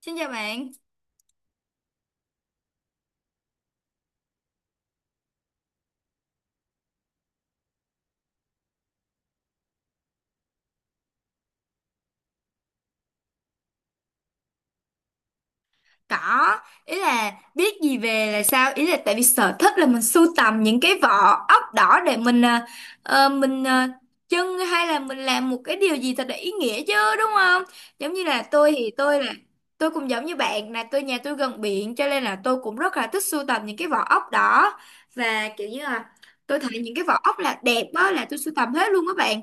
Xin chào bạn. Có, ý là biết gì về là sao? Ý là tại vì sở thích là mình sưu tầm những cái vỏ ốc đỏ để mình trưng hay là mình làm một cái điều gì thật là ý nghĩa chứ đúng không? Giống như là tôi thì tôi là tôi cũng giống như bạn, là tôi nhà tôi gần biển, cho nên là tôi cũng rất là thích sưu tầm những cái vỏ ốc đỏ, và kiểu như là tôi thấy những cái vỏ ốc là đẹp đó là tôi sưu tầm hết luôn các bạn.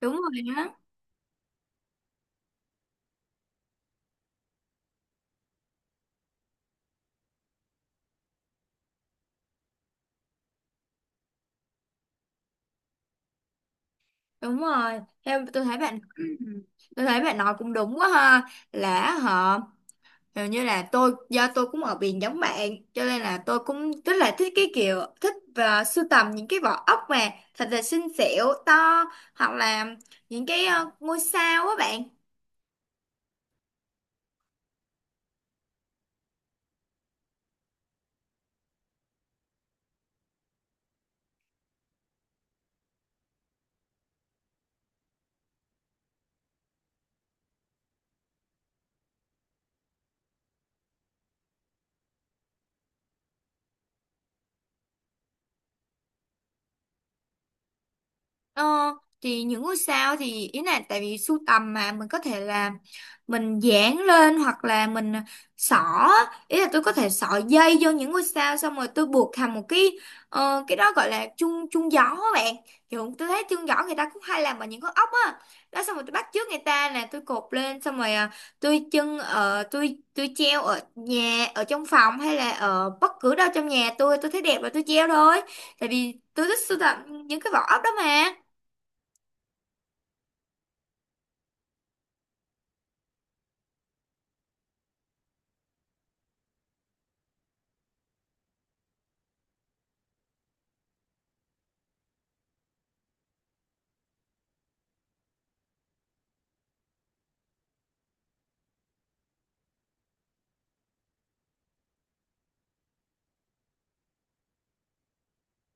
Đúng rồi Đúng rồi, theo tôi thấy bạn tôi thấy bạn nói cũng đúng quá ha, là họ hình như là tôi do tôi cũng ở biển giống bạn, cho nên là tôi cũng rất là thích cái kiểu thích và sưu tầm những cái vỏ ốc mà thật là xinh xẻo to, hoặc là những cái ngôi sao á bạn. Ờ, thì những ngôi sao thì ý là tại vì sưu tầm mà mình có thể là mình dán lên hoặc là mình xỏ á. Ý là tôi có thể xỏ dây vô những ngôi sao xong rồi tôi buộc thành một cái cái đó gọi là chuông chuông gió á bạn, kiểu tôi thấy chuông gió người ta cũng hay làm bằng những con ốc á đó, xong rồi tôi bắt chước người ta là tôi cột lên xong rồi tôi treo ở nhà ở trong phòng hay là ở bất cứ đâu trong nhà, tôi thấy đẹp là tôi treo thôi, tại vì tôi thích sưu tầm những cái vỏ ốc đó mà.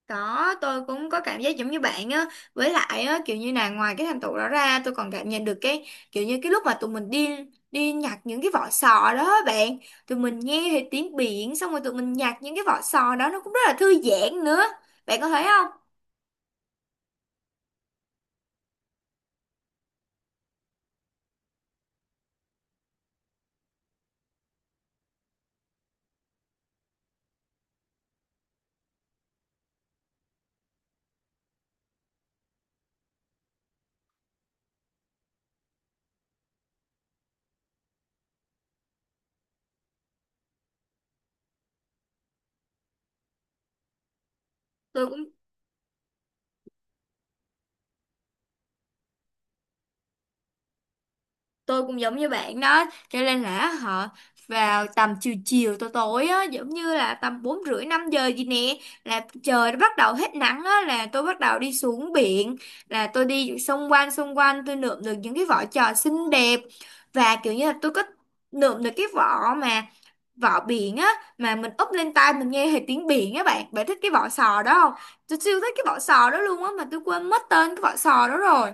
Có, tôi cũng có cảm giác giống như bạn á. Với lại á, kiểu như là ngoài cái thành tựu đó ra, tôi còn cảm nhận được cái kiểu như cái lúc mà tụi mình đi đi nhặt những cái vỏ sò đó á bạn, tụi mình nghe thấy tiếng biển, xong rồi tụi mình nhặt những cái vỏ sò đó, nó cũng rất là thư giãn nữa. Bạn có thấy không? Tôi cũng tôi cũng giống như bạn đó, cho nên là họ vào tầm chiều chiều tối tối á, giống như là tầm bốn rưỡi năm giờ gì nè, là trời nó bắt đầu hết nắng á là tôi bắt đầu đi xuống biển, là tôi đi xung quanh tôi lượm được những cái vỏ trò xinh đẹp, và kiểu như là tôi có lượm được cái vỏ mà vỏ biển á, mà mình úp lên tai mình nghe hệt tiếng biển á bạn. Bạn thích cái vỏ sò đó không? Tôi siêu thích cái vỏ sò đó luôn á, mà tôi quên mất tên cái vỏ sò đó rồi.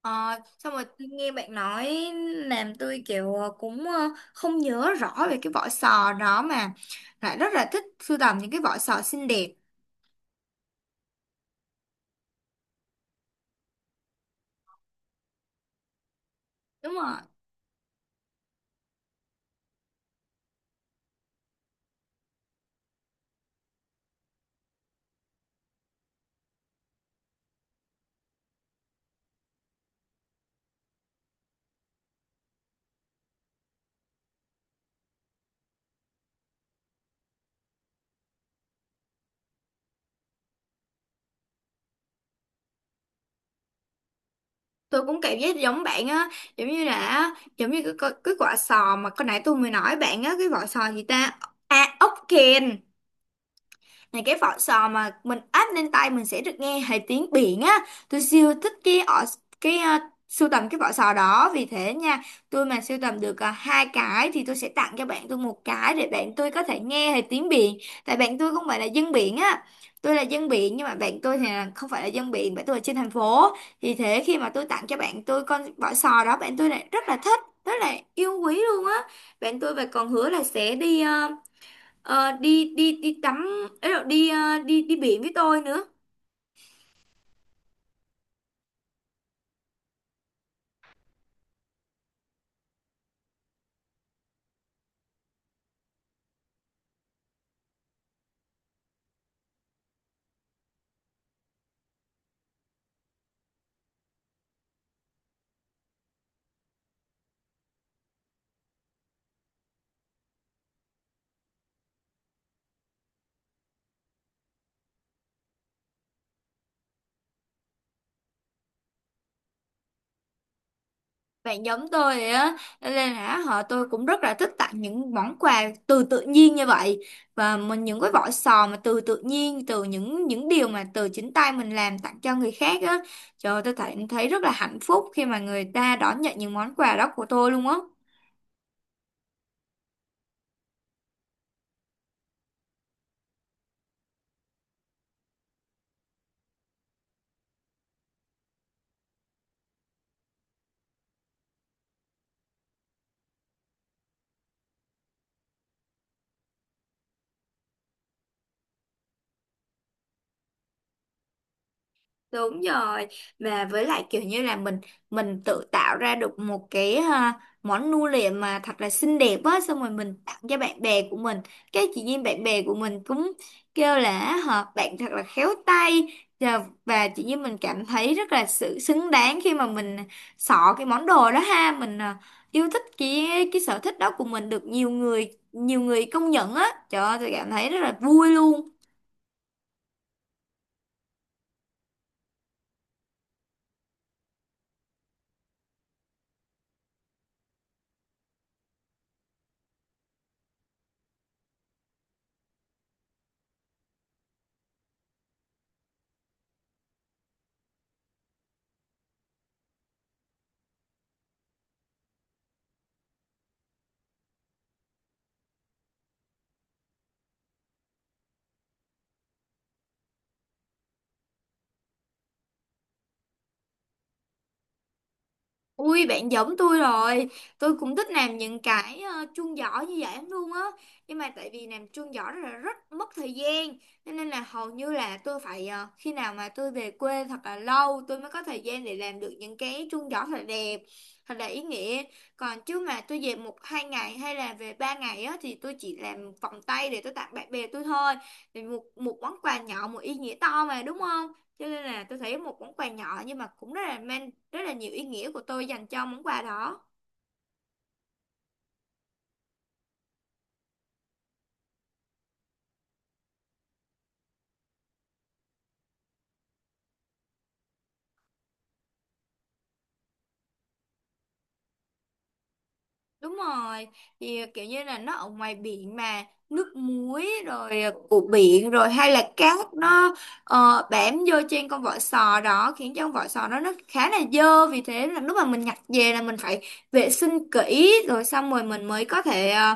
Ờ, Xong rồi tôi nghe bạn nói làm tôi kiểu cũng không nhớ rõ về cái vỏ sò đó mà lại rất là thích sưu tầm những cái vỏ sò xinh đẹp. Đúng rồi, tôi cũng cảm giác giống bạn á, giống như là giống như cái quả sò mà hồi nãy tôi mới nói bạn á, cái vỏ sò gì ta, à ốc kèn. Này cái vỏ sò mà mình áp lên tay mình sẽ được nghe thấy tiếng biển á. Tôi siêu thích cái ở cái sưu tầm cái vỏ sò đó vì thế nha. Tôi mà sưu tầm được hai cái thì tôi sẽ tặng cho bạn tôi một cái để bạn tôi có thể nghe thấy tiếng biển. Tại bạn tôi không phải là dân biển á. Tôi là dân biển nhưng mà bạn tôi thì là không phải là dân biển, bạn tôi là trên thành phố. Vì thế khi mà tôi tặng cho bạn tôi con vỏ sò đó, bạn tôi lại rất là thích, rất là yêu quý luôn á. Bạn tôi và còn hứa là sẽ đi ờ, Ờ, đi đi đi tắm ấy, rồi đi ờ, đi đi biển với tôi nữa. Bạn giống tôi vậy á. Cho nên là họ tôi cũng rất là thích tặng những món quà từ tự nhiên như vậy, và mình những cái vỏ sò mà từ tự nhiên, từ những điều mà từ chính tay mình làm tặng cho người khác á. Trời ơi, tôi thấy thấy rất là hạnh phúc khi mà người ta đón nhận những món quà đó của tôi luôn á. Đúng rồi, và với lại kiểu như là mình tự tạo ra được một cái ha, món nu liệm mà thật là xinh đẹp á, xong rồi mình tặng cho bạn bè của mình, cái chị nhiên bạn bè của mình cũng kêu là họ bạn thật là khéo tay, và chị nhiên mình cảm thấy rất là sự xứng đáng khi mà mình xỏ cái món đồ đó ha, mình yêu thích cái sở thích đó của mình được nhiều người công nhận á. Trời ơi tôi cảm thấy rất là vui luôn. Ui bạn giống tôi rồi. Tôi cũng thích làm những cái chuông giỏ như vậy lắm luôn á. Nhưng mà tại vì làm chuông giỏ rất là rất mất thời gian, Nên nên là hầu như là tôi phải khi nào mà tôi về quê thật là lâu tôi mới có thời gian để làm được những cái chuông giỏ thật là đẹp, thật là ý nghĩa. Còn chứ mà tôi về một hai ngày hay là về ba ngày á, thì tôi chỉ làm vòng tay để tôi tặng bạn bè tôi thôi. Thì một món quà nhỏ một ý nghĩa to mà đúng không, cho nên là tôi thấy một món quà nhỏ nhưng mà cũng rất là mang rất là nhiều ý nghĩa của tôi dành cho món quà đó. Đúng rồi, thì kiểu như là nó ở ngoài biển mà nước muối rồi, của biển rồi, hay là cát nó bám vô trên con vỏ sò đó khiến cho con vỏ sò đó nó khá là dơ, vì thế là lúc mà mình nhặt về là mình phải vệ sinh kỹ rồi xong rồi mình mới có thể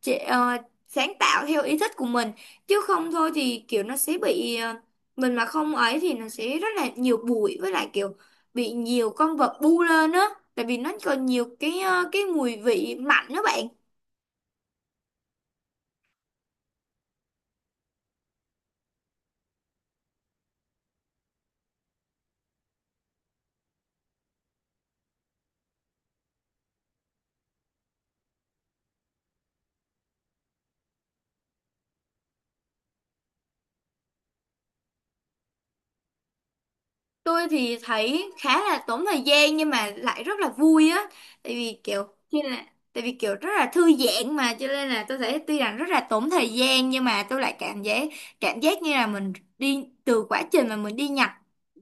chị, ờ, sáng tạo theo ý thích của mình, chứ không thôi thì kiểu nó sẽ bị mình mà không ấy thì nó sẽ rất là nhiều bụi, với lại kiểu bị nhiều con vật bu lên á, tại vì nó còn nhiều cái cái mùi vị mạnh đó bạn. Tôi thì thấy khá là tốn thời gian nhưng mà lại rất là vui á, tại vì kiểu như là tại vì kiểu rất là thư giãn mà, cho nên là tôi thấy tuy rằng rất là tốn thời gian nhưng mà tôi lại cảm giác như là mình đi từ quá trình mà mình đi nhặt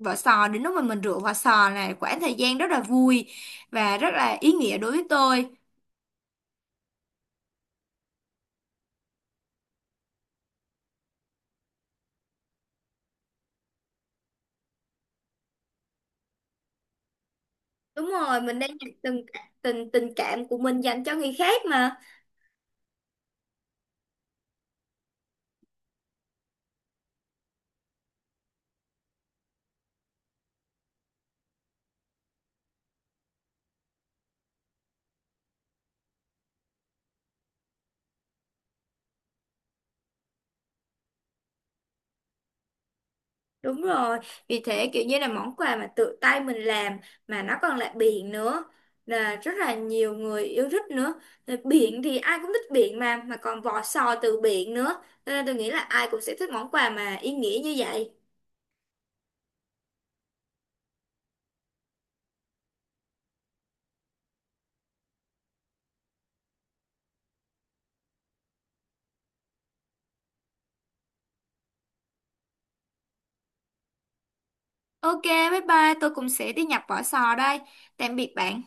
vỏ sò đến lúc mà mình rửa vỏ sò là quãng thời gian rất là vui và rất là ý nghĩa đối với tôi. Đúng rồi, mình đang nhặt từng từng tình cảm của mình dành cho người khác mà. Đúng rồi, vì thế kiểu như là món quà mà tự tay mình làm mà nó còn lại biển nữa là rất là nhiều người yêu thích nữa. Rồi biển thì ai cũng thích biển mà còn vỏ sò từ biển nữa, cho nên tôi nghĩ là ai cũng sẽ thích món quà mà ý nghĩa như vậy. Ok, bye bye, tôi cũng sẽ đi nhập vỏ sò đây. Tạm biệt bạn.